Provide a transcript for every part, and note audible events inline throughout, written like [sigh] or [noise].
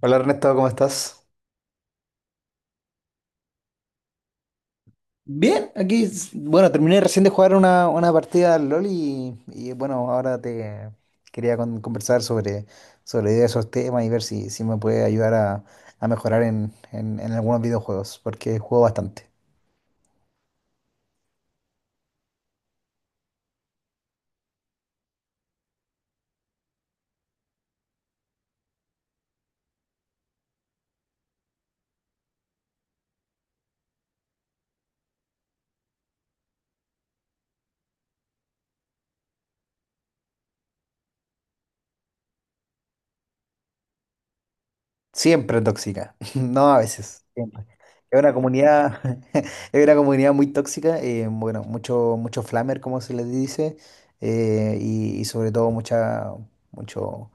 Hola Ernesto, ¿cómo estás? Bien, aquí, bueno, terminé recién de jugar una partida al LOL bueno, ahora te quería conversar sobre esos temas y ver si me puede ayudar a mejorar en algunos videojuegos, porque juego bastante. Siempre tóxica, [laughs] no a veces, siempre. Es una comunidad, [laughs] es una comunidad muy tóxica, bueno, mucho flamer, como se les dice, y sobre todo mucho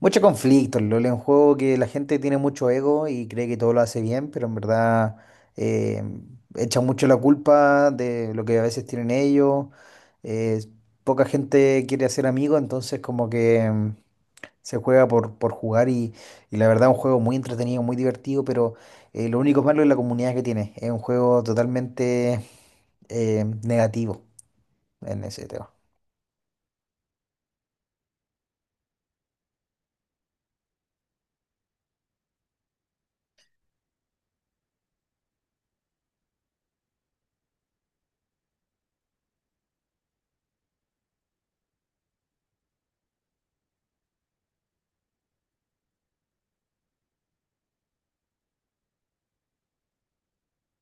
Mucho conflicto. El LoL es un juego que la gente tiene mucho ego y cree que todo lo hace bien, pero en verdad eh, echa mucho la culpa de lo que a veces tienen ellos. eh, Poca gente quiere hacer amigos, entonces como que se juega por jugar y la verdad es un juego muy entretenido, muy divertido, pero lo único malo es la comunidad que tiene. Es un juego totalmente negativo en ese tema.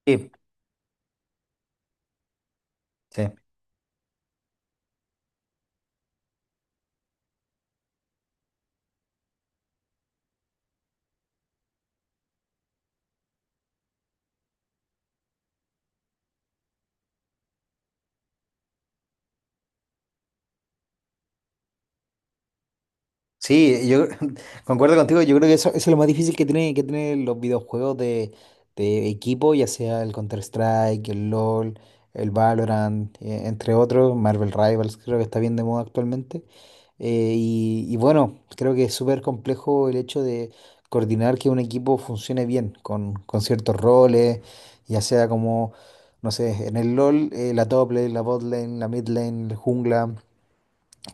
Sí. Sí. Sí, yo [laughs] concuerdo contigo. Yo creo que eso es lo más difícil que que tienen los videojuegos de equipo, ya sea el Counter-Strike, el LoL, el Valorant, entre otros. Marvel Rivals creo que está bien de moda actualmente. Y bueno, creo que es súper complejo el hecho de coordinar que un equipo funcione bien con ciertos roles, ya sea como, no sé, en el LoL, la top lane, la bot lane, la mid lane, el jungla,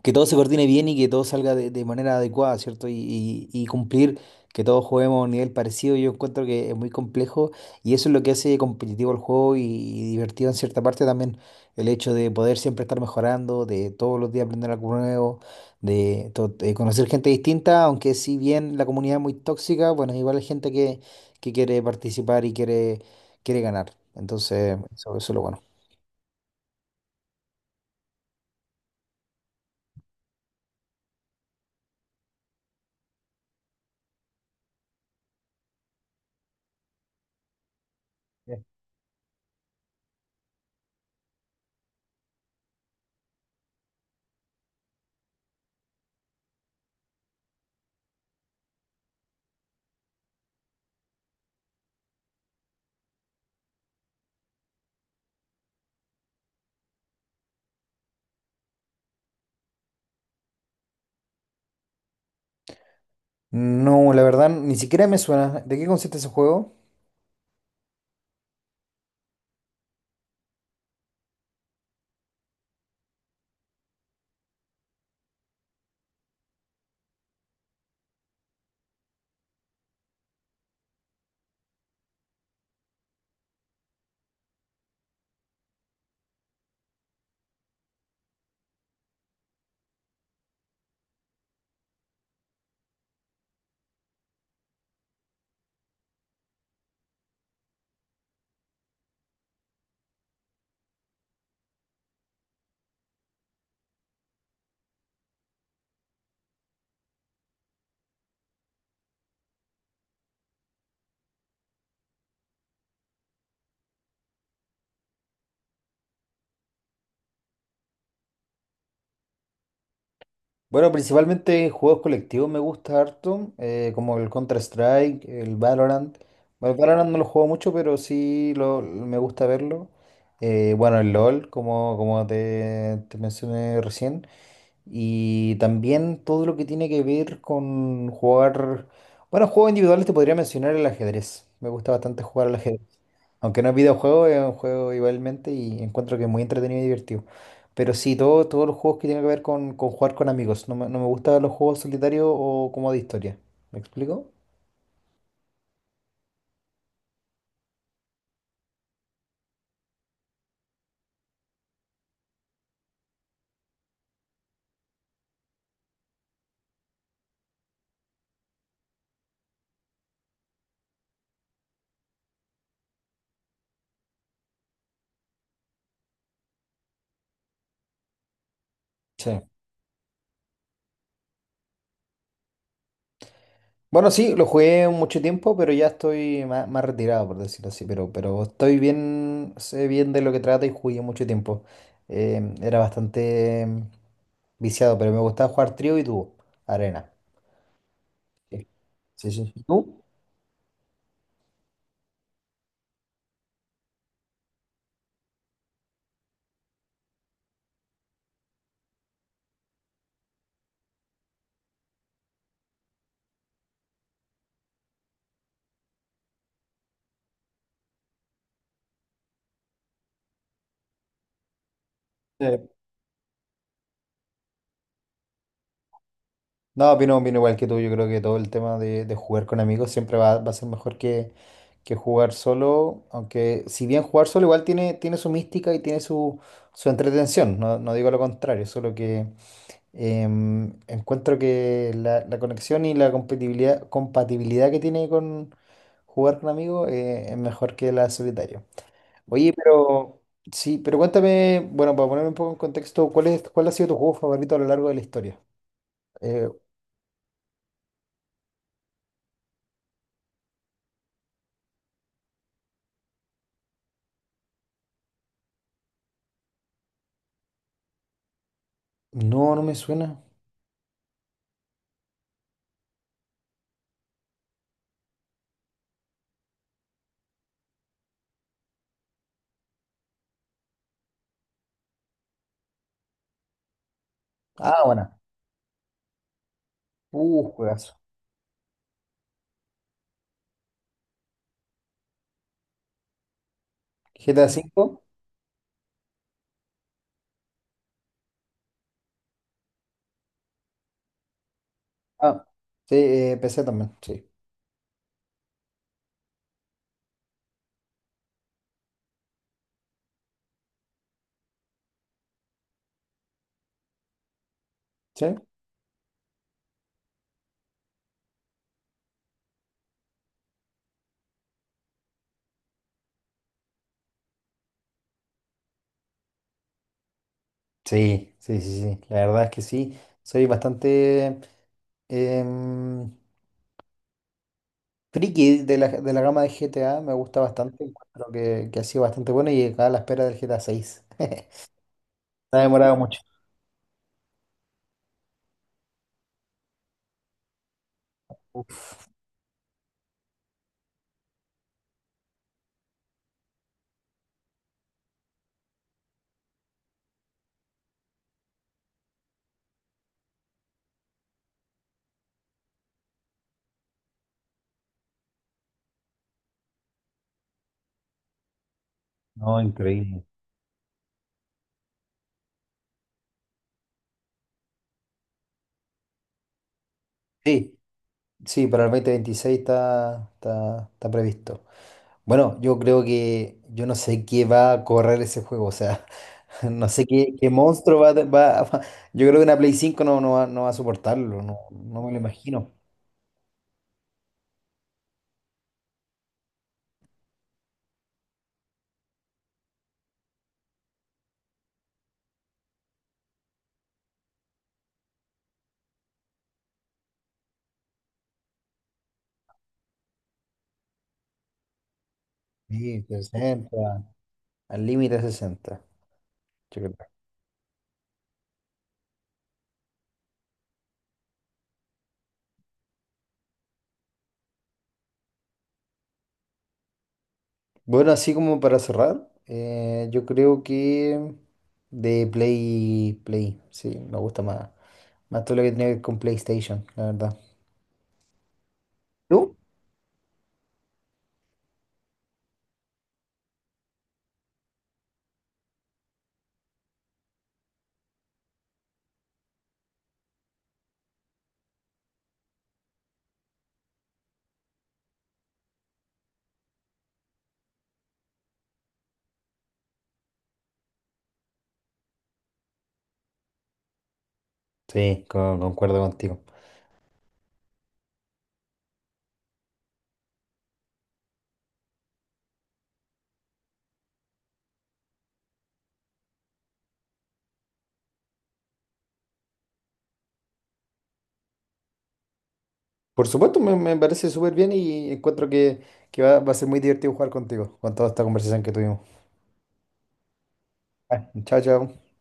que todo se coordine bien y que todo salga de manera adecuada, ¿cierto? Y cumplir que todos juguemos a un nivel parecido. Yo encuentro que es muy complejo y eso es lo que hace competitivo el juego y divertido en cierta parte también, el hecho de poder siempre estar mejorando, de todos los días aprender algo nuevo, de conocer gente distinta. Aunque si bien la comunidad es muy tóxica, bueno, igual hay gente que quiere participar y quiere ganar. Entonces, eso es lo bueno. Sí. No, la verdad, ni siquiera me suena. ¿De qué consiste ese juego? Bueno, principalmente juegos colectivos me gusta harto, como el Counter-Strike, el Valorant. Bueno, Valorant no lo juego mucho, pero sí me gusta verlo. Bueno, el LOL, como te mencioné recién. Y también todo lo que tiene que ver con jugar. Bueno, juegos individuales te podría mencionar el ajedrez. Me gusta bastante jugar al ajedrez. Aunque no es videojuego, es un juego igualmente y encuentro que es muy entretenido y divertido. Pero sí, todos los juegos que tienen que ver con jugar con amigos. No me gustan los juegos solitarios o como de historia. ¿Me explico? Sí. Bueno, sí, lo jugué mucho tiempo, pero ya estoy más retirado, por decirlo así. Pero estoy bien, sé bien de lo que trata y jugué mucho tiempo. Era bastante viciado, pero me gustaba jugar trío y dúo, arena. Sí, sí, sí. ¿Tú? Sí. No, opino igual que tú. Yo creo que todo el tema de jugar con amigos siempre va a ser mejor que jugar solo. Aunque, si bien jugar solo igual tiene su mística y tiene su entretención. No, no digo lo contrario, solo que encuentro que la conexión y la compatibilidad que tiene con jugar con amigos es mejor que la solitario. Oye, pero sí, pero cuéntame, bueno, para ponerme un poco en contexto, ¿cuál ha sido tu juego favorito a lo largo de la historia? Eh, no, no me suena. Ah, bueno. Juegazo. GTA V. Ah, sí, PC también, sí. ¿Sí? Sí, sí, sí, sí. La verdad es que sí. Soy bastante em, friki de la gama de GTA. Me gusta bastante. Encuentro que ha sido bastante bueno, y acá a la espera del GTA 6. [laughs] Se ha demorado mucho. Uf, no, increíble. Sí, sí, para el 2026 está, está previsto. Bueno, yo creo que yo no sé qué va a correr ese juego, o sea, [laughs] no sé qué monstruo [laughs] Yo creo que una Play 5 no, no va a soportarlo. No, no me lo imagino. Sí, 60, al límite 60, yo creo. Bueno, así como para cerrar, yo creo que de Play, sí, me gusta más todo lo que tiene que ver con PlayStation, la verdad. ¿Tú? Sí, concuerdo contigo. Por supuesto, me parece súper bien y encuentro que va a ser muy divertido jugar contigo, con toda esta conversación que tuvimos. Ah, chao, chao.